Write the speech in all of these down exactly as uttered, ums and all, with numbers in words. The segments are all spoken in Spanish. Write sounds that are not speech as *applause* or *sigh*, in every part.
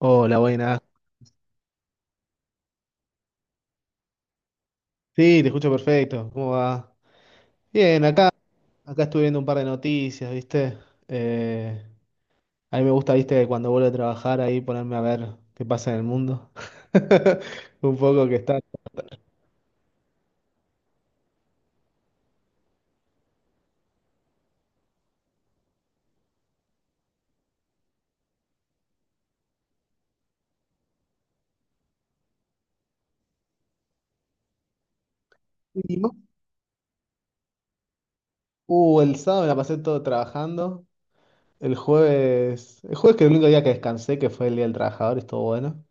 Hola, buenas. Sí, te escucho perfecto. ¿Cómo va? Bien, acá, acá estuve viendo un par de noticias, ¿viste? Eh, a mí me gusta, ¿viste? Cuando vuelvo a trabajar ahí ponerme a ver qué pasa en el mundo. *laughs* Un poco que está. Y más- Uh, el sábado me la pasé todo trabajando. El jueves, el jueves que el único día que descansé, que fue el Día del Trabajador, estuvo bueno.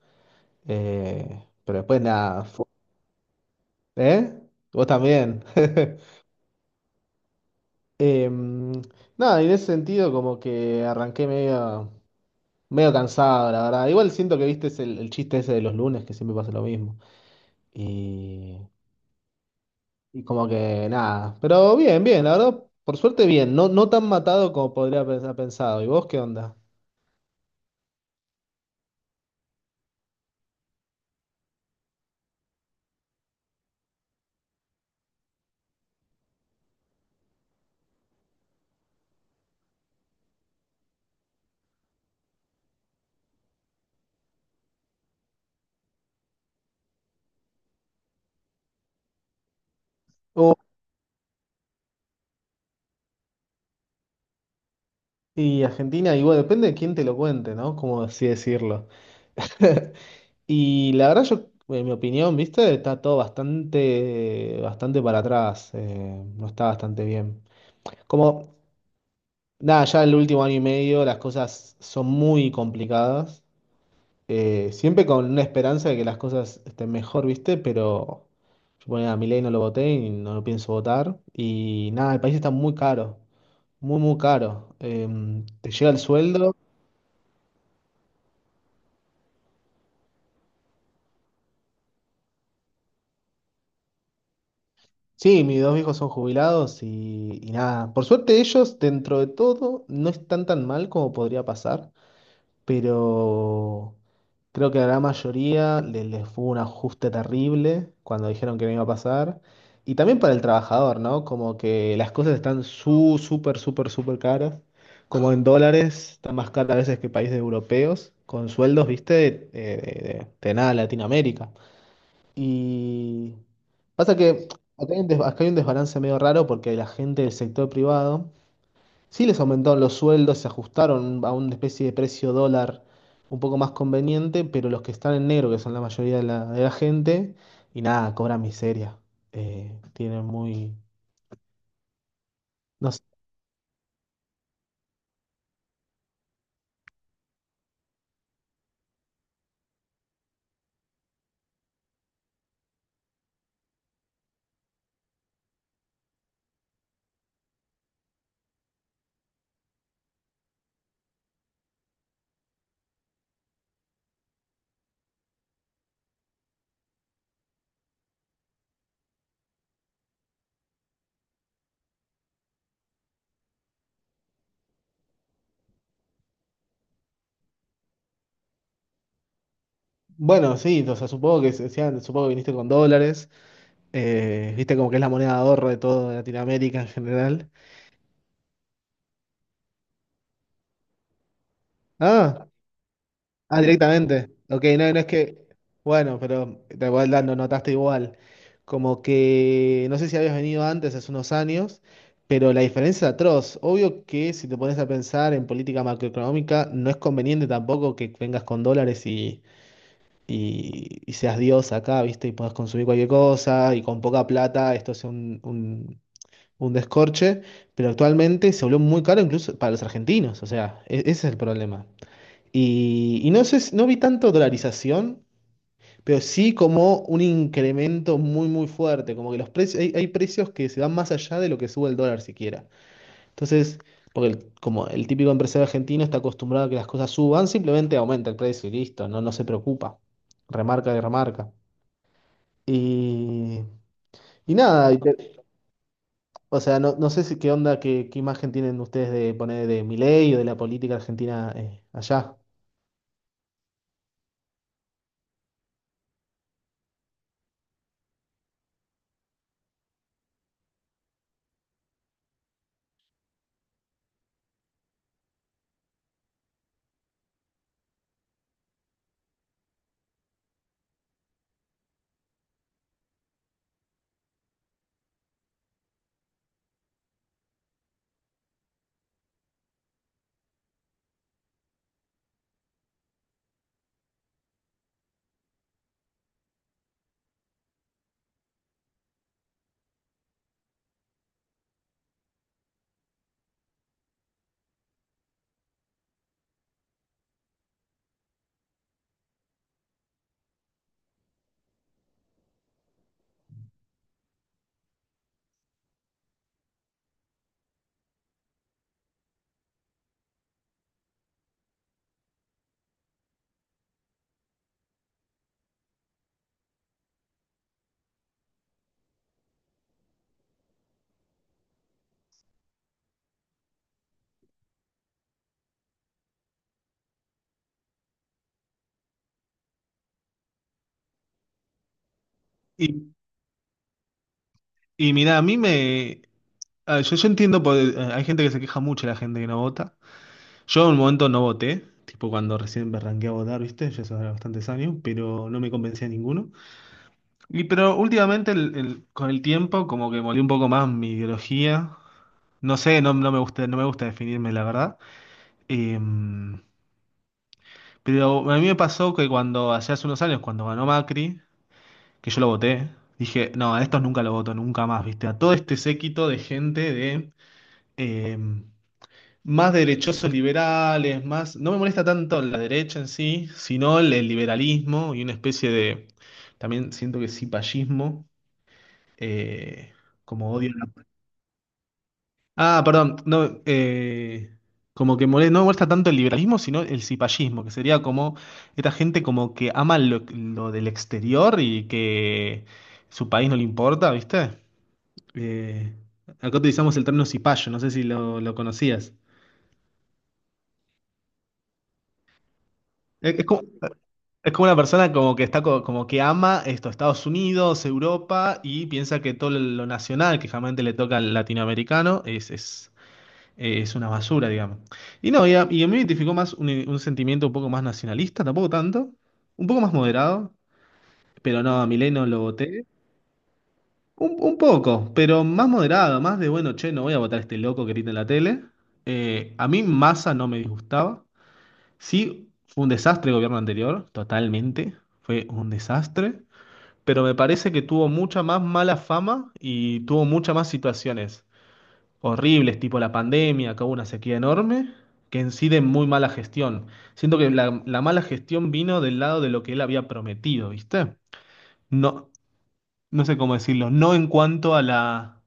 Eh, pero después nada. fu- ¿Eh? Vos también. *laughs* Em, Nada, en ese sentido como que arranqué medio. Medio cansado, la verdad. Igual siento que viste es el, el chiste ese de los lunes, que siempre pasa lo mismo. Y, y como que nada. Pero bien, bien, la verdad, por suerte bien. No, no tan matado como podría haber pensado. ¿Y vos qué onda? Oh, y Argentina, igual depende de quién te lo cuente, ¿no? Como así decirlo. *laughs* Y la verdad, yo, en mi opinión, viste, está todo bastante, bastante para atrás. Eh, no está bastante bien. Como, nada, ya el último año y medio las cosas son muy complicadas. Eh, siempre con una esperanza de que las cosas estén mejor, ¿viste? Pero yo ponía a Milei no lo voté y no lo pienso votar. Y nada, el país está muy caro, muy, muy caro. Em, te llega el sueldo. Sí, mis dos hijos son jubilados y, y nada. Por suerte ellos, dentro de todo, no están tan mal como podría pasar. Pero creo que a la gran mayoría le- les, fue un ajuste terrible cuando dijeron que no iba a pasar. Y también para el trabajador, ¿no? Como que las cosas están su, súper, súper, súper caras. Como en dólares, está más cara a veces que países europeos, con sueldos, viste, eh, de, de- de nada, Latinoamérica. Y pasa que acá hay un des- acá hay un desbalance medio raro porque la gente del sector privado sí les aumentaron los sueldos, se ajustaron a una especie de precio dólar un poco más conveniente, pero los que están en negro, que son la mayoría de la, de la gente, y nada, cobran miseria. Eh, tienen muy... No sé. Bueno, sí, o sea, supongo que, se- sean- supongo que viniste con dólares, eh, viste como que es la moneda de ahorro de toda Latinoamérica en general. Ah, ah, directamente. Ok, no, no es que. Bueno, pero te voy dando, notaste igual. Como que no sé si habías venido antes, hace unos años, pero la diferencia es atroz. Obvio que si te pones a pensar en política macroeconómica, no es conveniente tampoco que vengas con dólares y, y, y seas Dios acá, ¿viste? Y puedas consumir cualquier cosa y con poca plata esto es un, un, un descorche. Pero actualmente se volvió muy caro incluso para los argentinos. O sea, e- ese es el problema. Y, y no sé, si- no vi tanto dolarización, pero sí como un incremento muy, muy fuerte. Como que los precios, hay, hay precios que se van más allá de lo que sube el dólar siquiera. Entonces, porque el- como el típico empresario argentino está acostumbrado a que las cosas suban, simplemente aumenta el precio y listo, no, no se preocupa. Remarca y remarca. Y, y nada, y te- o sea, no, no sé si qué onda, qué, qué imagen tienen ustedes de poner de Milei o de la política argentina eh, allá. Y, y mira, a mí me, ah, yo, yo entiendo, por- eh, hay gente que se queja mucho de la gente que no vota. Yo en un momento no voté, tipo cuando recién me arranqué a votar, ¿viste? Ya hace bastantes años, pero no me convencía ninguno. Y pero últimamente el- el- con el tiempo como que molí un poco más mi ideología. No sé, no, no me gusta, no me gusta definirme, la verdad. Em, pero a mí me pasó que cuando, hace hace unos años, cuando ganó Macri, que yo lo voté, dije, no, a estos nunca lo voto, nunca más, ¿viste? A todo este séquito de gente de... em, más derechosos liberales, más... No me molesta tanto la derecha en sí, sino el, el liberalismo y una especie de... También siento que cipallismo, eh, como odio... la- Ah, perdón, no, eh, como que mole- no me molesta tanto el liberalismo, sino el cipallismo, que sería como esta gente como que ama lo, lo del exterior y que su país no le importa, ¿viste? Eh, Acá utilizamos el término cipayo, no sé si lo, lo conocías. Es, es como- Es como una persona como que está co- como que ama esto, Estados Unidos, Europa, y piensa que todo lo nacional que jamás le toca al latinoamericano es, es, eh, es una basura, digamos. Y no, y a, y a mí me identificó más un, un sentimiento un poco más nacionalista, tampoco tanto, un poco más moderado, pero no, a Milei no lo voté. Un, un poco, pero más moderado, más de bueno, che, no voy a votar a este loco que grita en la tele. Eh, a mí Massa no me disgustaba. Sí, fue un desastre el gobierno anterior, totalmente. Fue un desastre, pero me parece que tuvo mucha más mala fama y tuvo muchas más situaciones horribles, tipo la pandemia, que hubo una sequía enorme, que en sí de muy mala gestión. Siento que la, la mala gestión vino del lado de lo que él había prometido, ¿viste? No, no sé cómo decirlo, no en cuanto a la,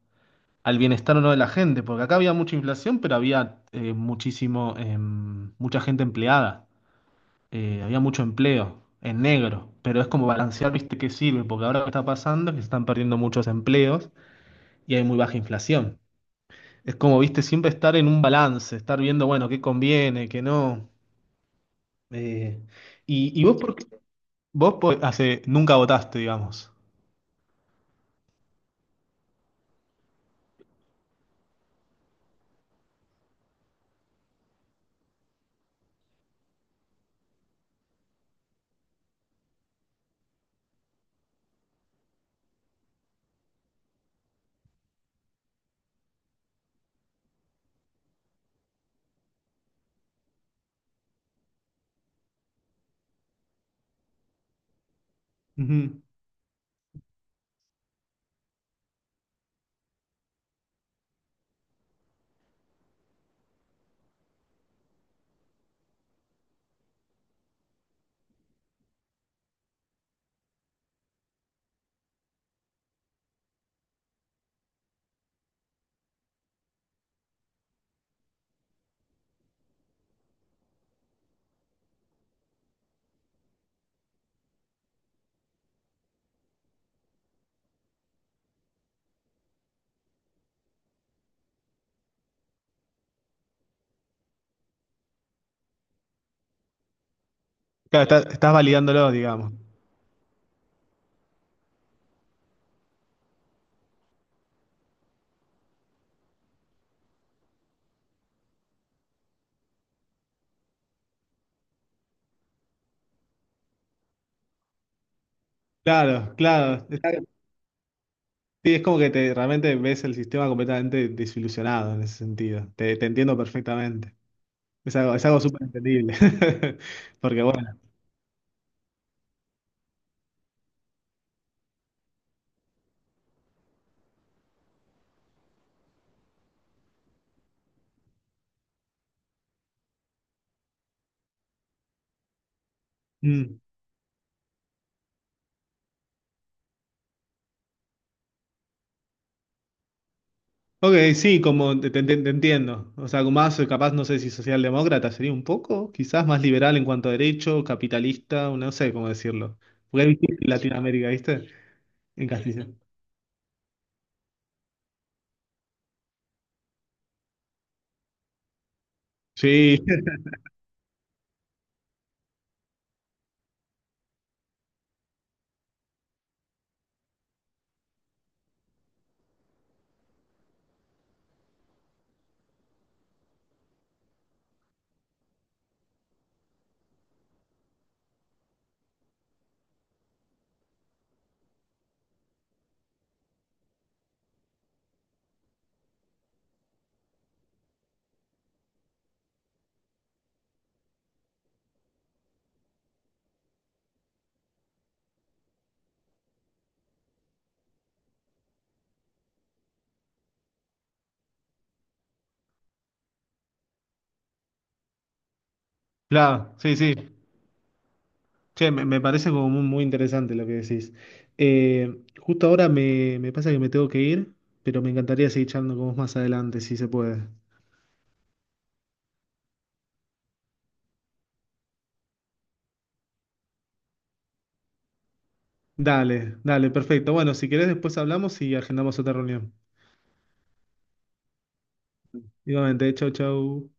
al bienestar o no de la gente, porque acá había mucha inflación, pero había eh, muchísimo, em, mucha gente empleada, eh, había mucho empleo en negro, pero es como balancear, ¿viste? ¿Qué sirve? Porque ahora lo que está pasando es que se están perdiendo muchos empleos y hay muy baja inflación. Es como, ¿viste? Siempre estar en un balance, estar viendo, bueno, qué conviene, qué no. eh, y, y vos, por qué- vos por- hace, nunca votaste, digamos. Ujú. Claro, está- estás validándolo, digamos. Claro, claro. Está- sí, es como que te, realmente ves el sistema completamente desilusionado en ese sentido. Te, te entiendo perfectamente. Es algo, es algo súper entendible. *laughs* Porque bueno. Mm. Ok, sí, como te, te- te entiendo. O sea, más eh, capaz, no sé si socialdemócrata sería un poco, quizás más liberal en cuanto a derecho, capitalista, no sé cómo decirlo. Porque es difícil Latinoamérica, ¿viste? En castellano. Sí, *laughs* claro, sí, sí. Che, me, me parece como muy, muy interesante lo que decís. Eh, justo ahora me, me pasa que me tengo que ir, pero me encantaría seguir charlando con vos más adelante, si se puede. Dale, dale, perfecto. Bueno, si querés después hablamos y agendamos otra reunión. Igualmente, chau, chau.